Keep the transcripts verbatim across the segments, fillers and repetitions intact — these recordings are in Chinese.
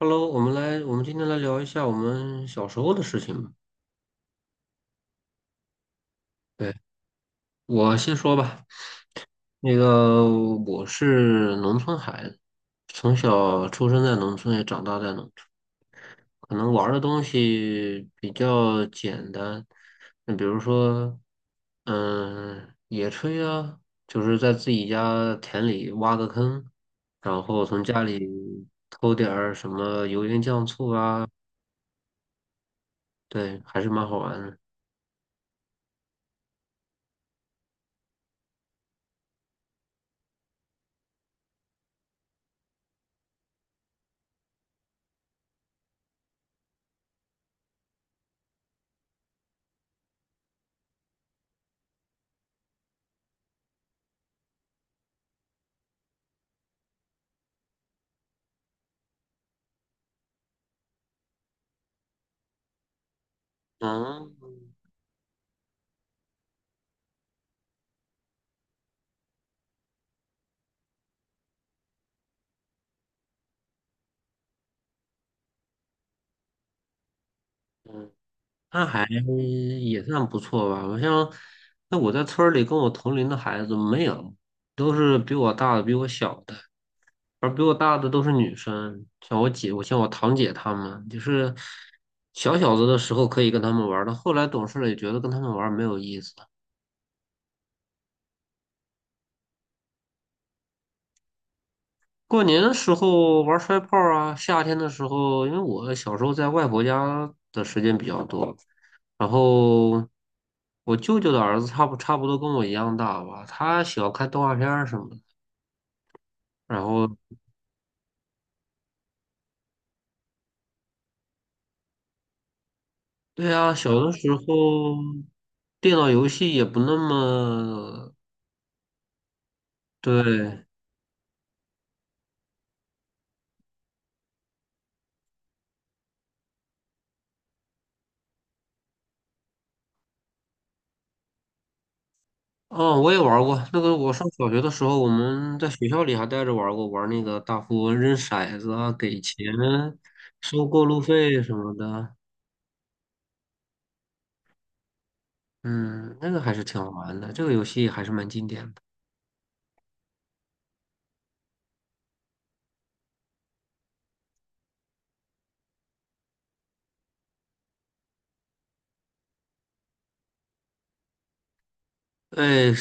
Hello，我们来，我们今天来聊一下我们小时候的事情吧。对，我先说吧。那个，我是农村孩子，从小出生在农村，也长大在农村，可能玩儿的东西比较简单。那比如说，嗯，野炊啊，就是在自己家田里挖个坑，然后从家里偷点儿什么油盐酱醋啊，对，还是蛮好玩的。嗯，嗯，那还也算不错吧。好像那我在村儿里跟我同龄的孩子没有，都是比我大的、比我小的，而比我大的都是女生，像我姐、我像我堂姐她们，就是小小子的时候可以跟他们玩儿的，后来懂事了也觉得跟他们玩儿没有意思了。过年的时候玩摔炮啊，夏天的时候，因为我小时候在外婆家的时间比较多，然后我舅舅的儿子差不差不多跟我一样大吧，他喜欢看动画片儿什么的。然后，对啊，小的时候电脑游戏也不那么。对。哦，我也玩过那个。我上小学的时候，我们在学校里还带着玩过，玩那个大富翁扔骰子啊，给钱、收过路费什么的。嗯，那个还是挺好玩的，这个游戏还是蛮经典的。哎，其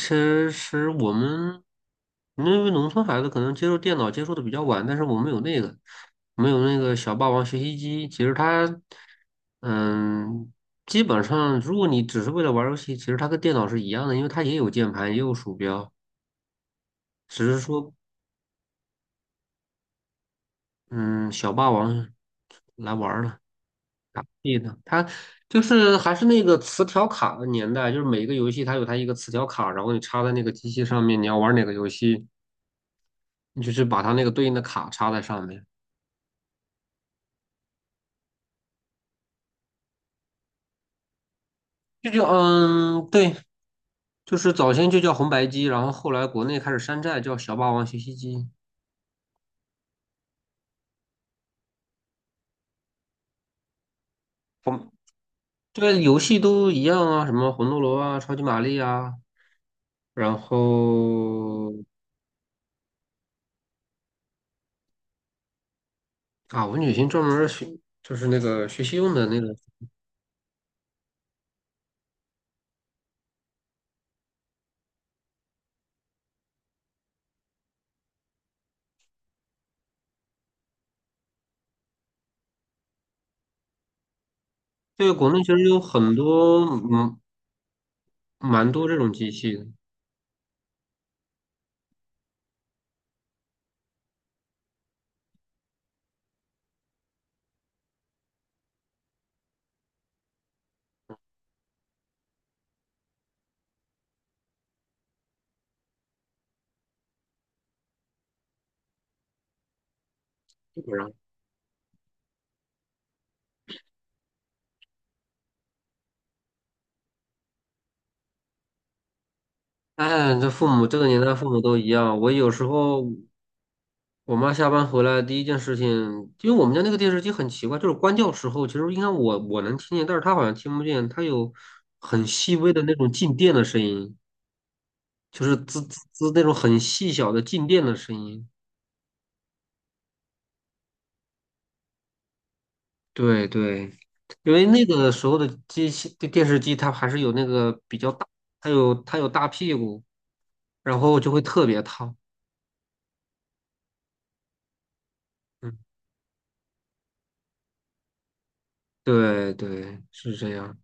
实我们，因为农村孩子可能接触电脑接触的比较晚，但是我们有那个，我们有那个小霸王学习机。其实它，嗯，基本上如果你只是为了玩儿游戏，其实它跟电脑是一样的，因为它也有键盘，也有鼠标，只是说，嗯，小霸王来玩儿了。对的，它就是还是那个磁条卡的年代，就是每个游戏它有它一个磁条卡，然后你插在那个机器上面，你要玩哪个游戏。你就是把它那个对应的卡插在上面，这就嗯，对，就是早先就叫红白机，然后后来国内开始山寨叫小霸王学习机，红，对，游戏都一样啊，什么魂斗罗啊、超级玛丽啊，然后。啊，文曲星专门儿学就是那个学习用的那个，对，国内其实有很多嗯蛮多这种机器的，基本上。哎，这父母这个年代父母都一样。我有时候我妈下班回来第一件事情，因为我们家那个电视机很奇怪，就是关掉时候，其实应该我我能听见，但是她好像听不见，它有很细微的那种静电的声音，就是滋滋滋那种很细小的静电的声音。对对，因为那个时候的机器电电视机，它还是有那个比较大，它有它有大屁股，然后就会特别烫。嗯，对对，是这样，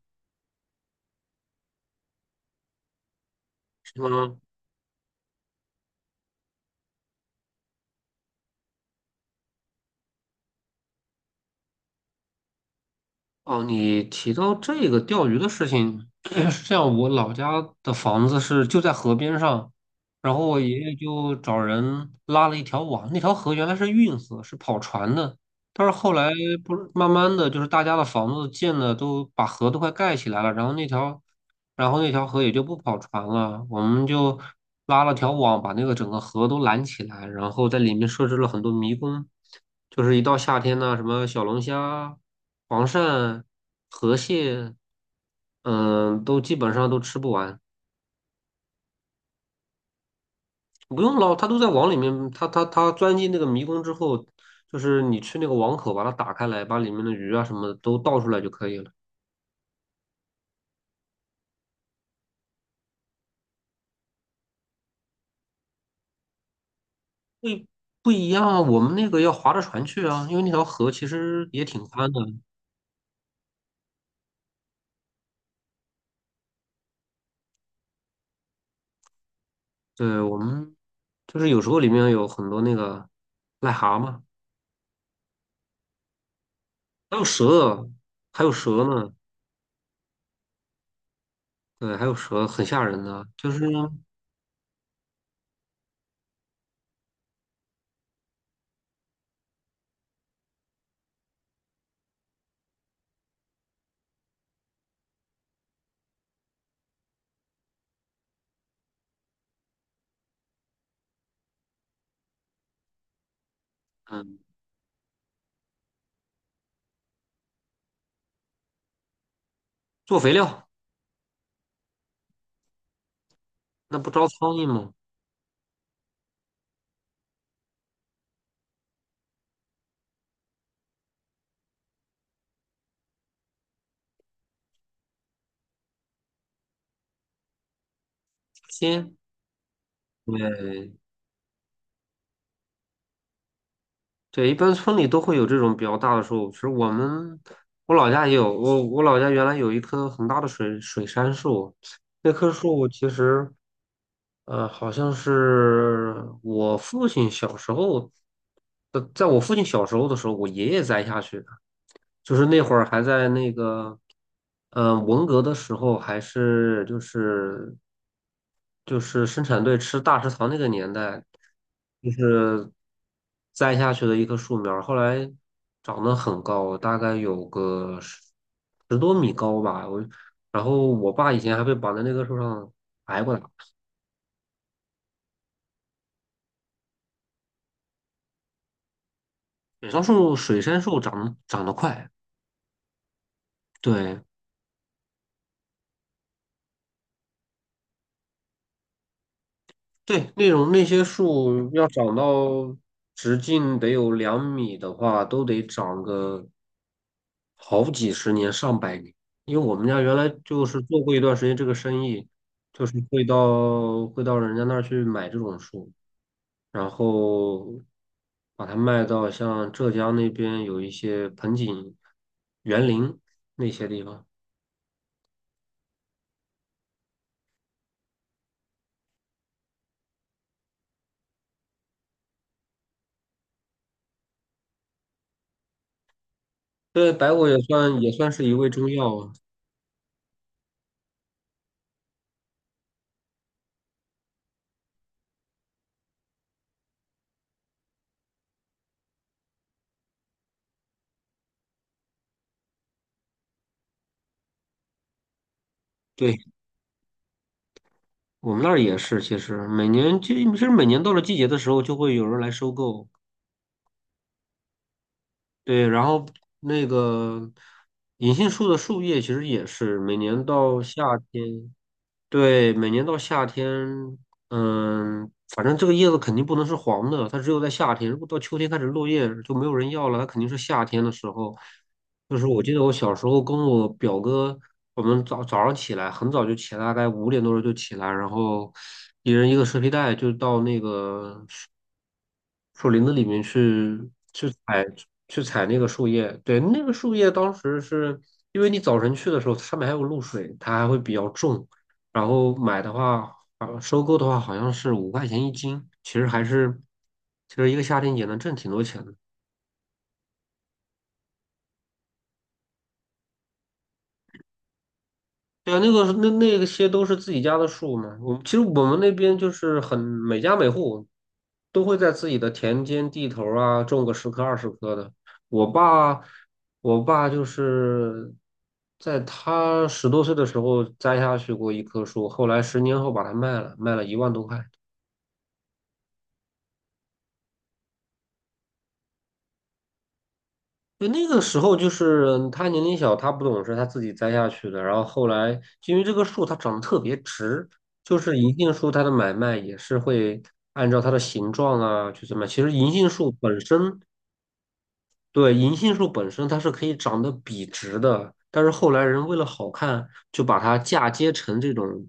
是吗？哦，你提到这个钓鱼的事情，是这样，我老家的房子是就在河边上，然后我爷爷就找人拉了一条网，那条河原来是运河，是跑船的，但是后来不是慢慢的就是大家的房子建的都把河都快盖起来了，然后那条然后那条河也就不跑船了，我们就拉了条网把那个整个河都拦起来，然后在里面设置了很多迷宫，就是一到夏天呢，什么小龙虾、黄鳝、河蟹，嗯，都基本上都吃不完，不用捞，它都在网里面，它它它钻进那个迷宫之后，就是你去那个网口把它打开来，把里面的鱼啊什么的都倒出来就可以了。不一不一样啊，我们那个要划着船去啊，因为那条河其实也挺宽的。对，我们就是有时候里面有很多那个癞蛤蟆，还有蛇，还有蛇呢。对，还有蛇，很吓人的。就是，嗯，做肥料，那不招苍蝇吗？鲜。对，对，一般村里都会有这种比较大的树。其实我们，我老家也有，我我老家原来有一棵很大的水水杉树，那棵树其实，呃，好像是我父亲小时候，呃，在我父亲小时候的时候，我爷爷栽下去的。就是那会儿还在那个，嗯、文革的时候，还是就是就是生产队吃大食堂那个年代，就是栽下去的一棵树苗儿后来长得很高，大概有个十十多米高吧。我，然后我爸以前还被绑在那棵树上挨过打。水杉树、水杉树长得长得快，对，对，那种那些树要长到直径得有两米的话，都得长个好几十年、上百年。因为我们家原来就是做过一段时间这个生意，就是会到会到人家那儿去买这种树，然后把它卖到像浙江那边有一些盆景、园林那些地方。对，白果也算也算是一味中药啊。对。我们那儿也是，其实每年就其实每年到了季节的时候，就会有人来收购。对，然后那个银杏树的树叶其实也是每年到夏天。对，每年到夏天，嗯，反正这个叶子肯定不能是黄的，它只有在夏天。如果到秋天开始落叶，就没有人要了，它肯定是夏天的时候。就是我记得我小时候跟我表哥，我们早早上起来很早就起来，大概五点多钟就起来，然后一人一个蛇皮袋，就到那个树林子里面去去采去采那个树叶，对，那个树叶当时是因为你早晨去的时候，上面还有露水，它还会比较重，然后买的话，啊，收购的话好像是五块钱一斤，其实还是其实一个夏天也能挣挺多钱的。对啊，那个那那些都是自己家的树嘛。我其实我们那边就是很每家每户都会在自己的田间地头儿啊种个十棵二十棵的。我爸，我爸就是在他十多岁的时候栽下去过一棵树，后来十年后把它卖了，卖了一万多块。就那个时候，就是他年龄小，他不懂事，他自己栽下去的。然后后来，就因为这个树它长得特别直，就是银杏树它的买卖也是会按照它的形状啊去怎么样其实银杏树本身对，银杏树本身它是可以长得笔直的，但是后来人为了好看，就把它嫁接成这种，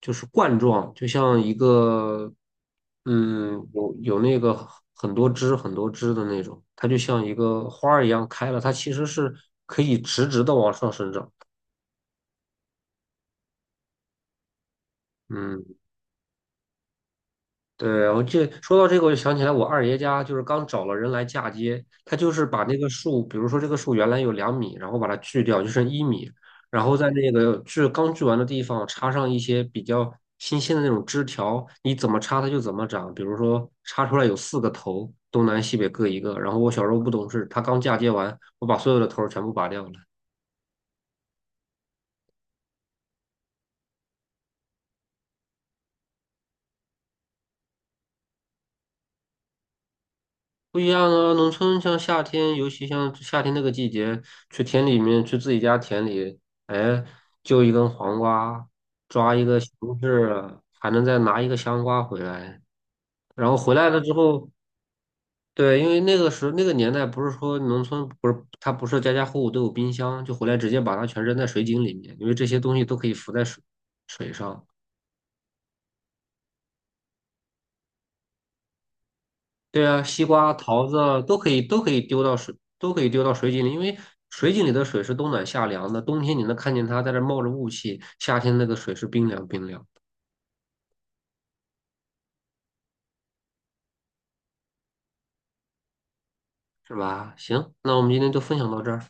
就是冠状，就像一个，嗯，有有那个很多枝很多枝的那种，它就像一个花儿一样开了，它其实是可以直直的往上生长。嗯。对，我这说到这个，我就想起来，我二爷家就是刚找了人来嫁接，他就是把那个树，比如说这个树原来有两米，然后把它锯掉，就剩一米，然后在那个锯刚锯完的地方插上一些比较新鲜的那种枝条，你怎么插它就怎么长。比如说插出来有四个头，东南西北各一个。然后我小时候不懂事，他刚嫁接完，我把所有的头儿全部拔掉了。不一样啊，农村像夏天，尤其像夏天那个季节，去田里面，去自己家田里，哎，揪一根黄瓜，抓一个西红柿啊，还能再拿一个香瓜回来。然后回来了之后，对，因为那个时候那个年代，不是说农村不是它不是家家户户都有冰箱，就回来直接把它全扔在水井里面，因为这些东西都可以浮在水水上。对啊，西瓜、桃子啊都可以，都可以丢到水，都可以丢到水井里，因为水井里的水是冬暖夏凉的，冬天你能看见它在这冒着雾气，夏天那个水是冰凉冰凉，是吧？行，那我们今天就分享到这儿。